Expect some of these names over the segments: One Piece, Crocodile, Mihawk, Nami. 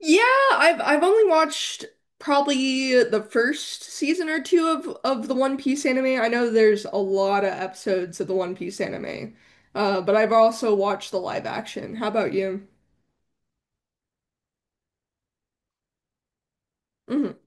Yeah, I've only watched probably the first season or two of the One Piece anime. I know there's a lot of episodes of the One Piece anime, but I've also watched the live action. How about you? Hmm.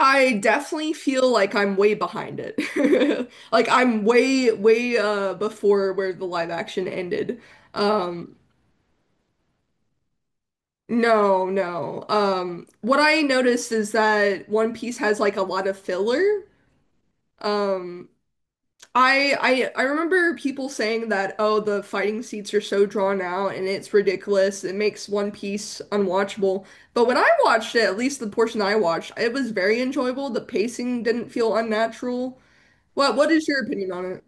I definitely feel like I'm way behind it. Like I'm way before where the live action ended. Um no, no. What I noticed is that One Piece has like a lot of filler. Um I I remember people saying that, oh, the fighting scenes are so drawn out and it's ridiculous. It makes One Piece unwatchable. But when I watched it, at least the portion I watched, it was very enjoyable. The pacing didn't feel unnatural. What is your opinion on it?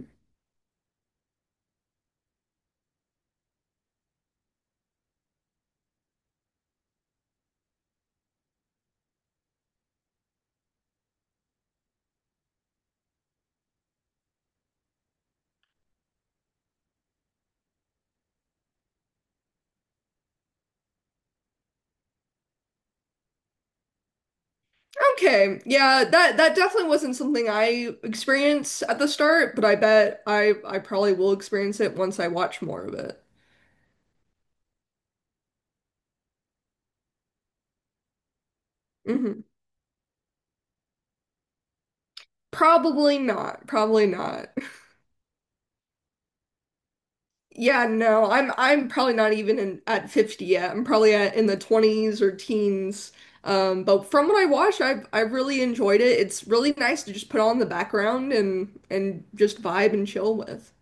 Okay, yeah, that definitely wasn't something I experienced at the start, but I bet I probably will experience it once I watch more of it. Hmm. Probably not. Probably not. Yeah, no, I'm probably not even in, at 50 yet. I'm probably at, in the 20s or teens. But from what I watched, I've really enjoyed it. It's really nice to just put on the background and just vibe and chill with.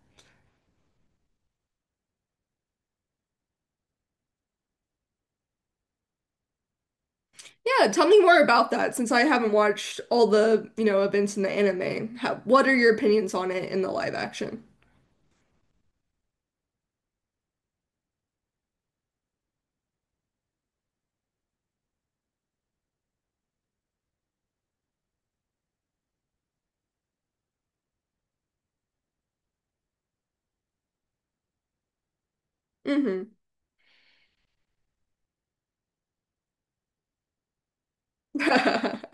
Yeah, tell me more about that since I haven't watched all the, you know, events in the anime. How, what are your opinions on it in the live action? Hmm.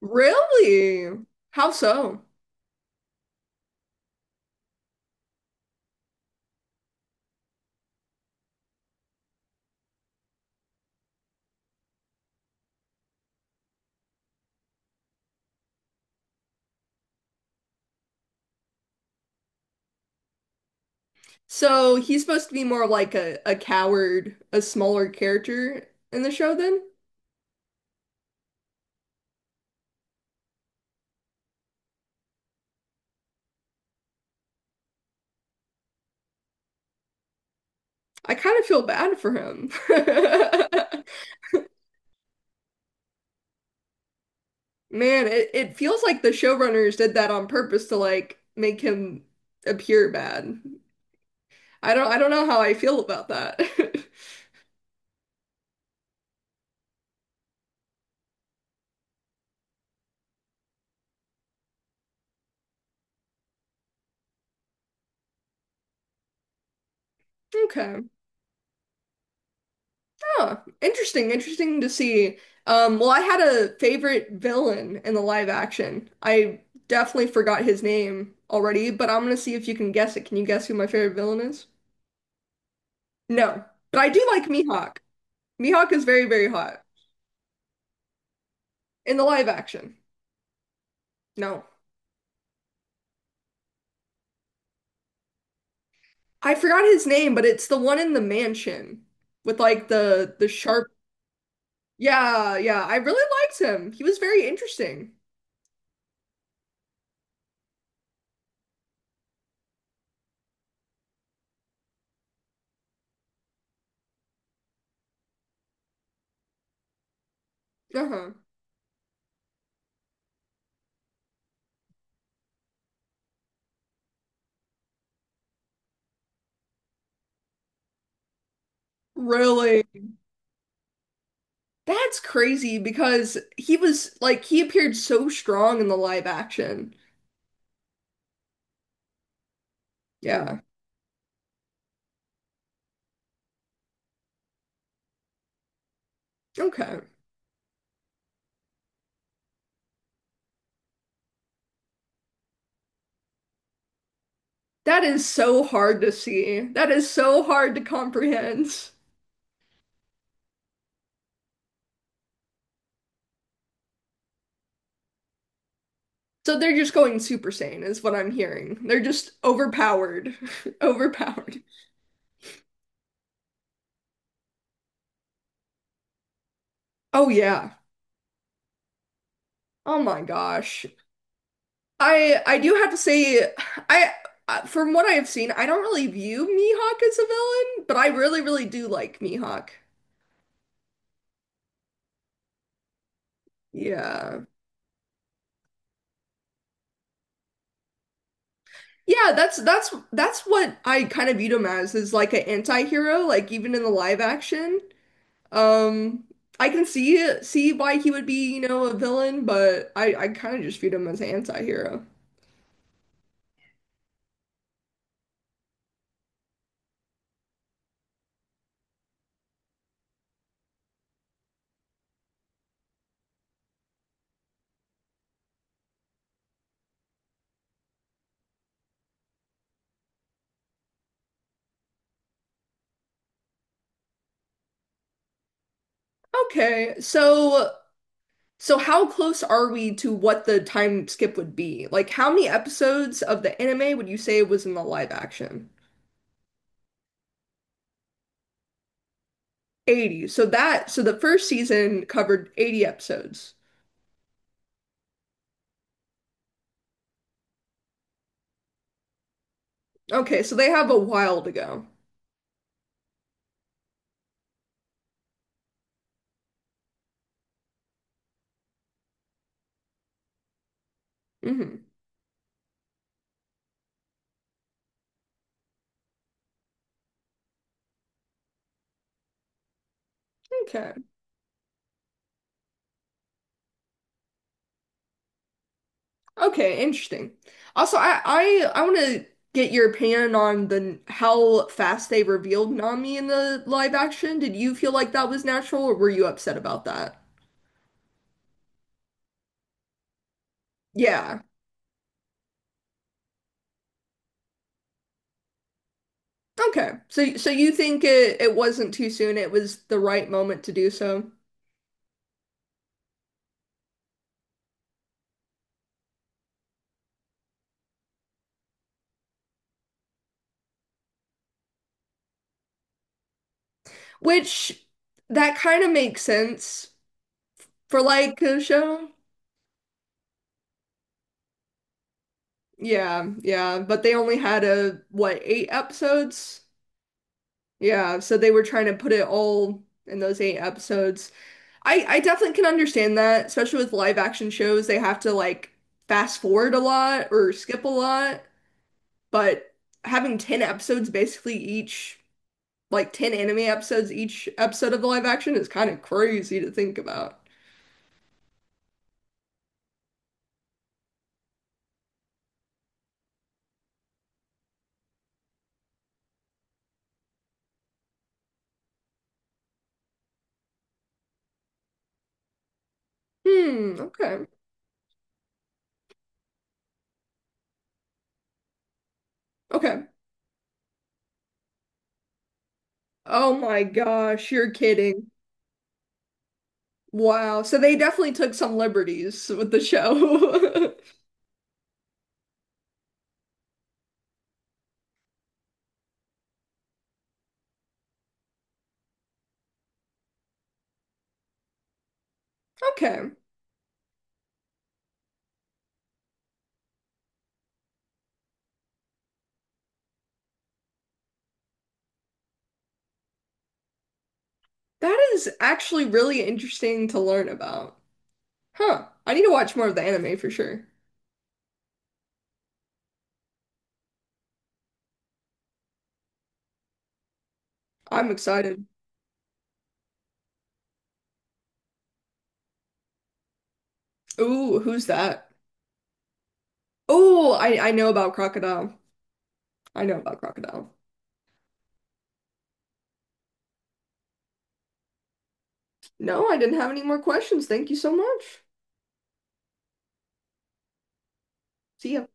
Really? How so? So he's supposed to be more like a coward, a smaller character in the show then? I kind of feel bad for him. Man, it feels like the showrunners did that on purpose to like make him appear bad. I don't know how I feel about that. Okay. Huh. Interesting, interesting to see. Well, I had a favorite villain in the live action. I definitely forgot his name already, but I'm gonna see if you can guess it. Can you guess who my favorite villain is? No, but I do like Mihawk. Mihawk is very, very hot in the live action. No, I forgot his name, but it's the one in the mansion with like the sharp. Yeah, yeah. I really liked him. He was very interesting. Uh-huh. Really? That's crazy because he was like he appeared so strong in the live action. Yeah. Okay. That is so hard to see. That is so hard to comprehend. So they're just going Super Saiyan is what I'm hearing. They're just overpowered. Overpowered. Oh yeah. Oh my gosh. I do have to say I from what I have seen, I don't really view Mihawk as a villain, but I really really do like Mihawk. Yeah. Yeah, that's what I kind of viewed him as is like an anti-hero, like even in the live action. Um I can see why he would be, you know, a villain, but I kind of just viewed him as an anti-hero. Okay, so how close are we to what the time skip would be? Like how many episodes of the anime would you say was in the live action? 80. So that so the first season covered 80 episodes. Okay, so they have a while to go. Hmm. Okay. Okay, interesting. Also, I want to get your opinion on the how fast they revealed Nami in the live action. Did you feel like that was natural or were you upset about that? Yeah. Okay. So you think it wasn't too soon, it was the right moment to do so. Which that kind of makes sense for like a show. Yeah, yeah, but they only had a what, eight episodes? Yeah, so they were trying to put it all in those eight episodes. I definitely can understand that, especially with live action shows, they have to like fast forward a lot or skip a lot, but having 10 episodes basically each like 10 anime episodes each episode of live action is kind of crazy to think about. Hmm, okay. Okay. Oh my gosh, you're kidding. Wow. So they definitely took some liberties with the show. Okay. That is actually really interesting to learn about. Huh. I need to watch more of the anime for sure. I'm excited. Ooh, who's that? Oh, I know about Crocodile. I know about Crocodile. No, I didn't have any more questions. Thank you so much. See ya.